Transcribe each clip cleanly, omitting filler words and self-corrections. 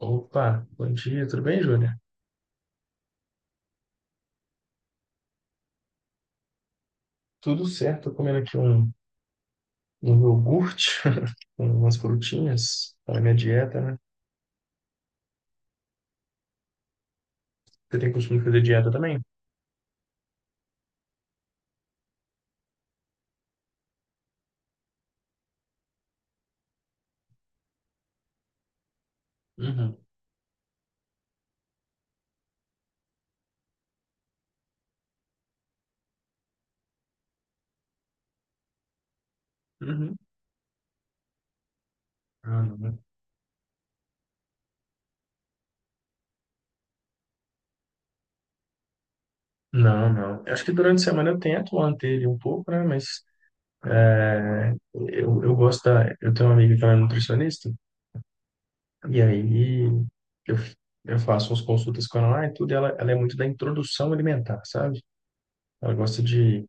Opa, bom dia, tudo bem, Júlia? Tudo certo, tô comendo aqui um iogurte com umas frutinhas para minha dieta, né? Você tem costume de fazer dieta também? Uhum. Uhum. Ah, não, né? Não, não. Eu acho que durante a semana eu tento manter ele um pouco, né? Mas é, eu gosto da. Eu tenho uma amiga que ela é nutricionista, e aí eu, faço umas consultas com ela lá e tudo, e ela, é muito da introdução alimentar, sabe? Ela gosta de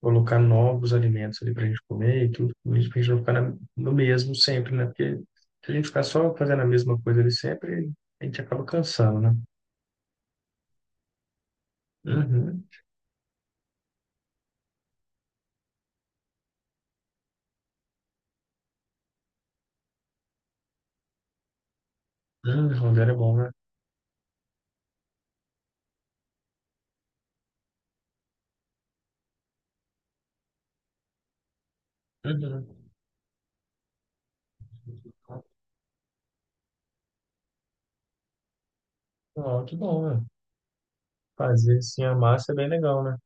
colocar novos alimentos ali para a gente comer e tudo, para a gente não ficar no mesmo sempre, né? Porque se a gente ficar só fazendo a mesma coisa ali sempre, a gente acaba cansando, né? Uhum. Rondelli é bom, né? Uhum. Ó, que bom, né? Fazer assim a massa é bem legal, né?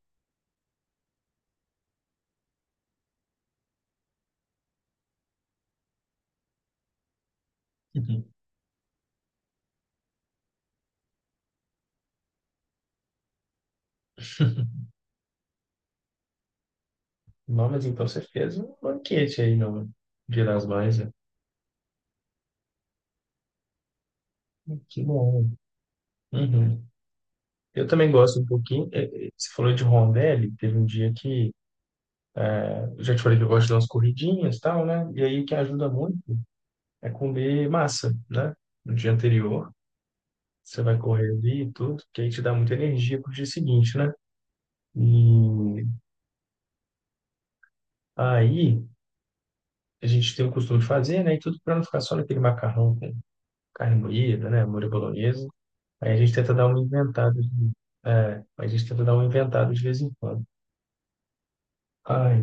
Uhum. Não, mas então você fez um banquete aí, não? Dia das Mães, né? Que bom. Uhum. Eu também gosto um pouquinho. Você falou de rondelli, teve um dia que eu já te falei que eu gosto de dar umas corridinhas e tal, né? E aí o que ajuda muito é comer massa, né? No dia anterior, você vai correr ali e tudo, que aí te dá muita energia pro dia seguinte, né? E aí a gente tem o costume de fazer, né? E tudo para não ficar só naquele macarrão com carne moída, né? Molho bolonhesa. Aí a gente tenta dar uma inventada, é, a gente tenta dar uma inventada de vez em quando. Aí,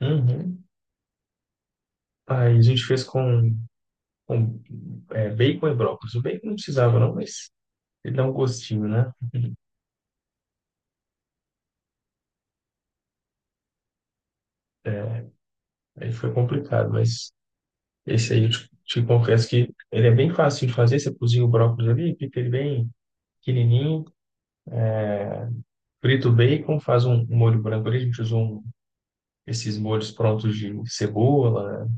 uhum. Aí a gente fez com é, bacon e brócolis. O bacon não precisava, não, mas ele dá um gostinho, né? Aí foi complicado, mas esse aí eu te confesso que ele é bem fácil de fazer. Você cozinha o brócolis ali, pica ele bem pequenininho, frita o bacon, faz um molho branco ali. A gente usa esses molhos prontos de cebola,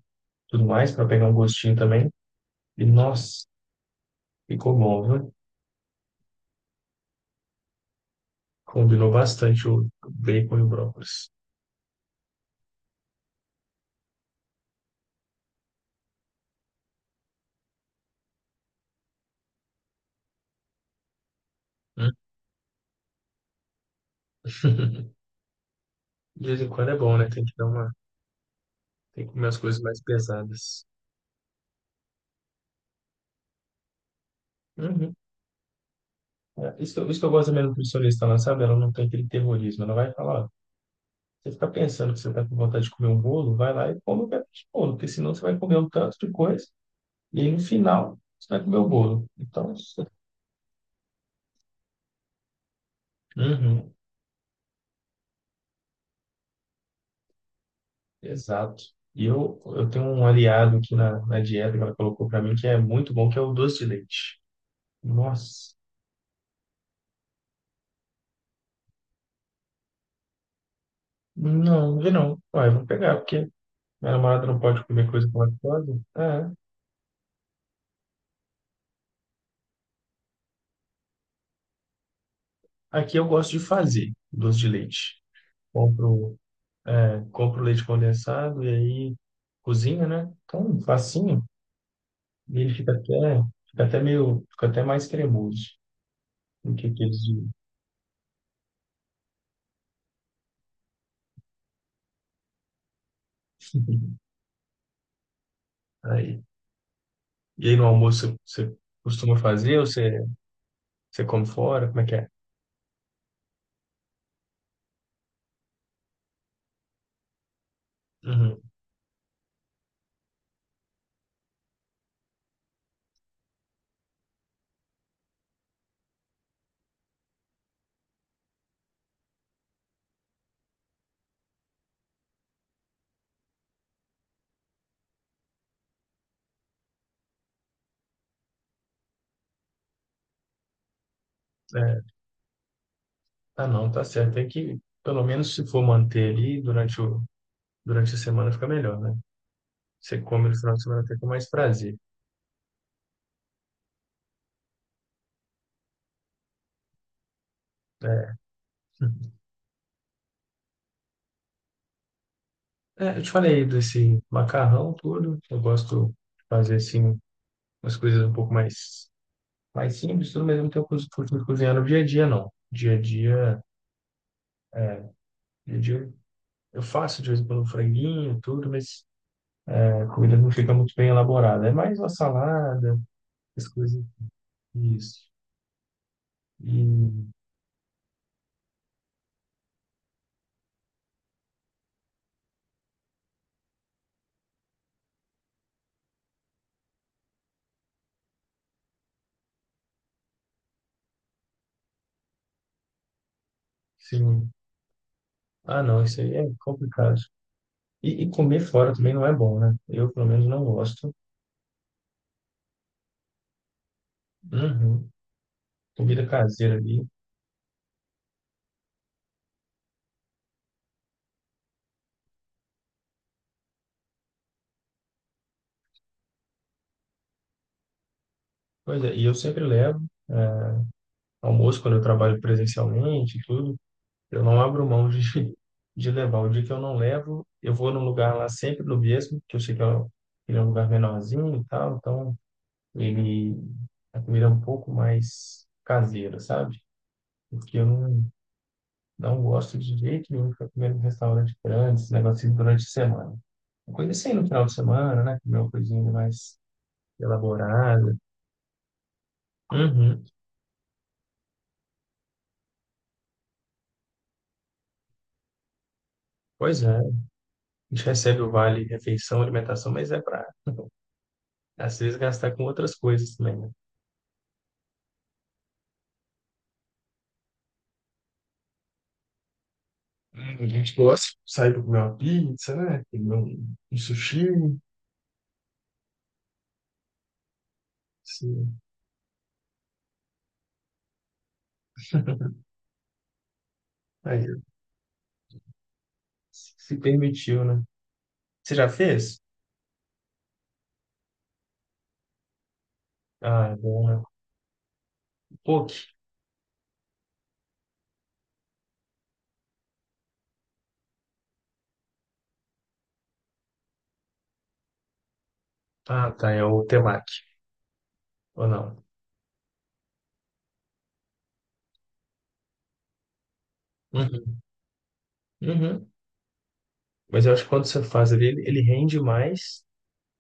tudo mais, para pegar um gostinho também. E nossa, ficou bom, viu? Combinou bastante o bacon e o brócolis. Hum. De vez em quando é bom, né? Tem que dar uma, tem que comer as coisas mais pesadas. Uhum. É, isso, isso que eu gosto da minha nutricionista, ela sabe? Ela não tem aquele terrorismo. Ela vai falar, você fica pensando que você está com vontade de comer um bolo, vai lá e come um pedaço de bolo, porque senão você vai comer um tanto de coisa e aí no final você vai comer o bolo. Então, isso... Uhum, exato. E eu, tenho um aliado aqui na dieta que ela colocou para mim que é muito bom, que é o doce de leite. Nossa, não, não vi não. Ué, vou pegar, porque minha namorada não pode comer coisa com lactose. É. Aqui eu gosto de fazer doce de leite. Compro, é, compro leite condensado e aí cozinha, né? Então, facinho. E ele fica até meio, fica até mais cremoso do que aqueles de... Aí. E aí no almoço você costuma fazer ou você, você come fora? Como é que é? Uhum. É. Ah, não, tá certo. Tem que, pelo menos se for manter ali durante a semana fica melhor, né? Você come no final de semana até com mais prazer. É. É, eu te falei desse macarrão todo. Eu gosto de fazer assim umas coisas um pouco mais mais simples, tudo, mas eu não tenho costume de cozinhar no dia a dia, não. Dia a dia, dia a dia eu faço de vez em quando um franguinho, tudo, mas a comida não fica muito bem elaborada. É mais uma salada, essas coisas. Isso. E, sim. Ah, não, isso aí é complicado. E comer fora também não é bom, né? Eu, pelo menos, não gosto. Uhum. Comida caseira ali. Pois é, e eu sempre levo é, almoço quando eu trabalho presencialmente e tudo. Eu não abro mão de, de levar. O dia que eu não levo, eu vou num lugar lá sempre no mesmo, que eu sei que é que é um lugar menorzinho e tal, então ele a comida é um pouco mais caseira, sabe? Porque eu não, não gosto de jeito nenhum de ficar comendo em restaurante grande, esse negócio assim, durante a semana. Uma coisa assim no final de semana, né? Comer uma coisinha mais elaborada. Uhum. Pois é, a gente recebe o vale refeição, alimentação, mas é para às vezes gastar com outras coisas também, né? A gente gosta de sair para comer uma pizza, né? Comer um sushi. Assim. Aí, se permitiu, né? Você já fez? Ah, é bom, né? Poke. Ah, tá. É o temaki. Ou não? Uhum. Uhum. Mas eu acho que quando você faz ali, ele rende mais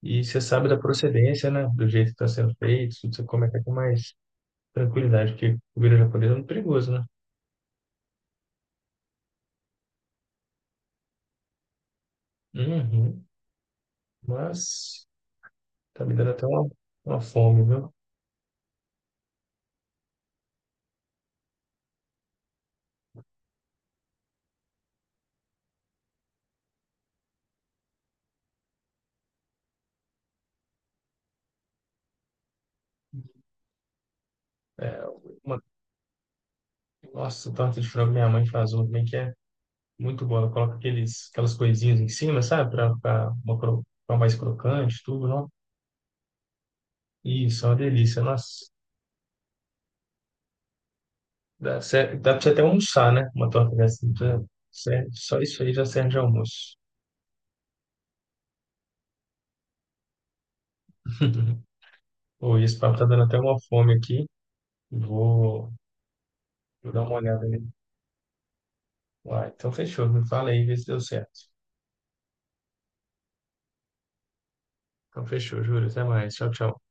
e você sabe da procedência, né? Do jeito que está sendo feito, tudo você come até com mais tranquilidade, porque comida japonesa é muito perigoso, né? Uhum. Mas tá me dando até uma fome, viu? É, uma, nossa, torta de frango minha mãe faz uma também que é muito boa. Ela coloca aqueles, aquelas coisinhas em cima, sabe? Pra ficar uma ficar mais crocante, tudo, não? Isso, é uma delícia. Nossa, dá, dá pra você até almoçar, né? Uma torta dessa. Já só isso aí já serve de almoço. Pô, e esse papo tá dando até uma fome aqui. Vou, vou dar uma olhada ali. Uai, então fechou. Me fala aí, vê se deu certo. Então fechou, juro. Até mais. Tchau, tchau.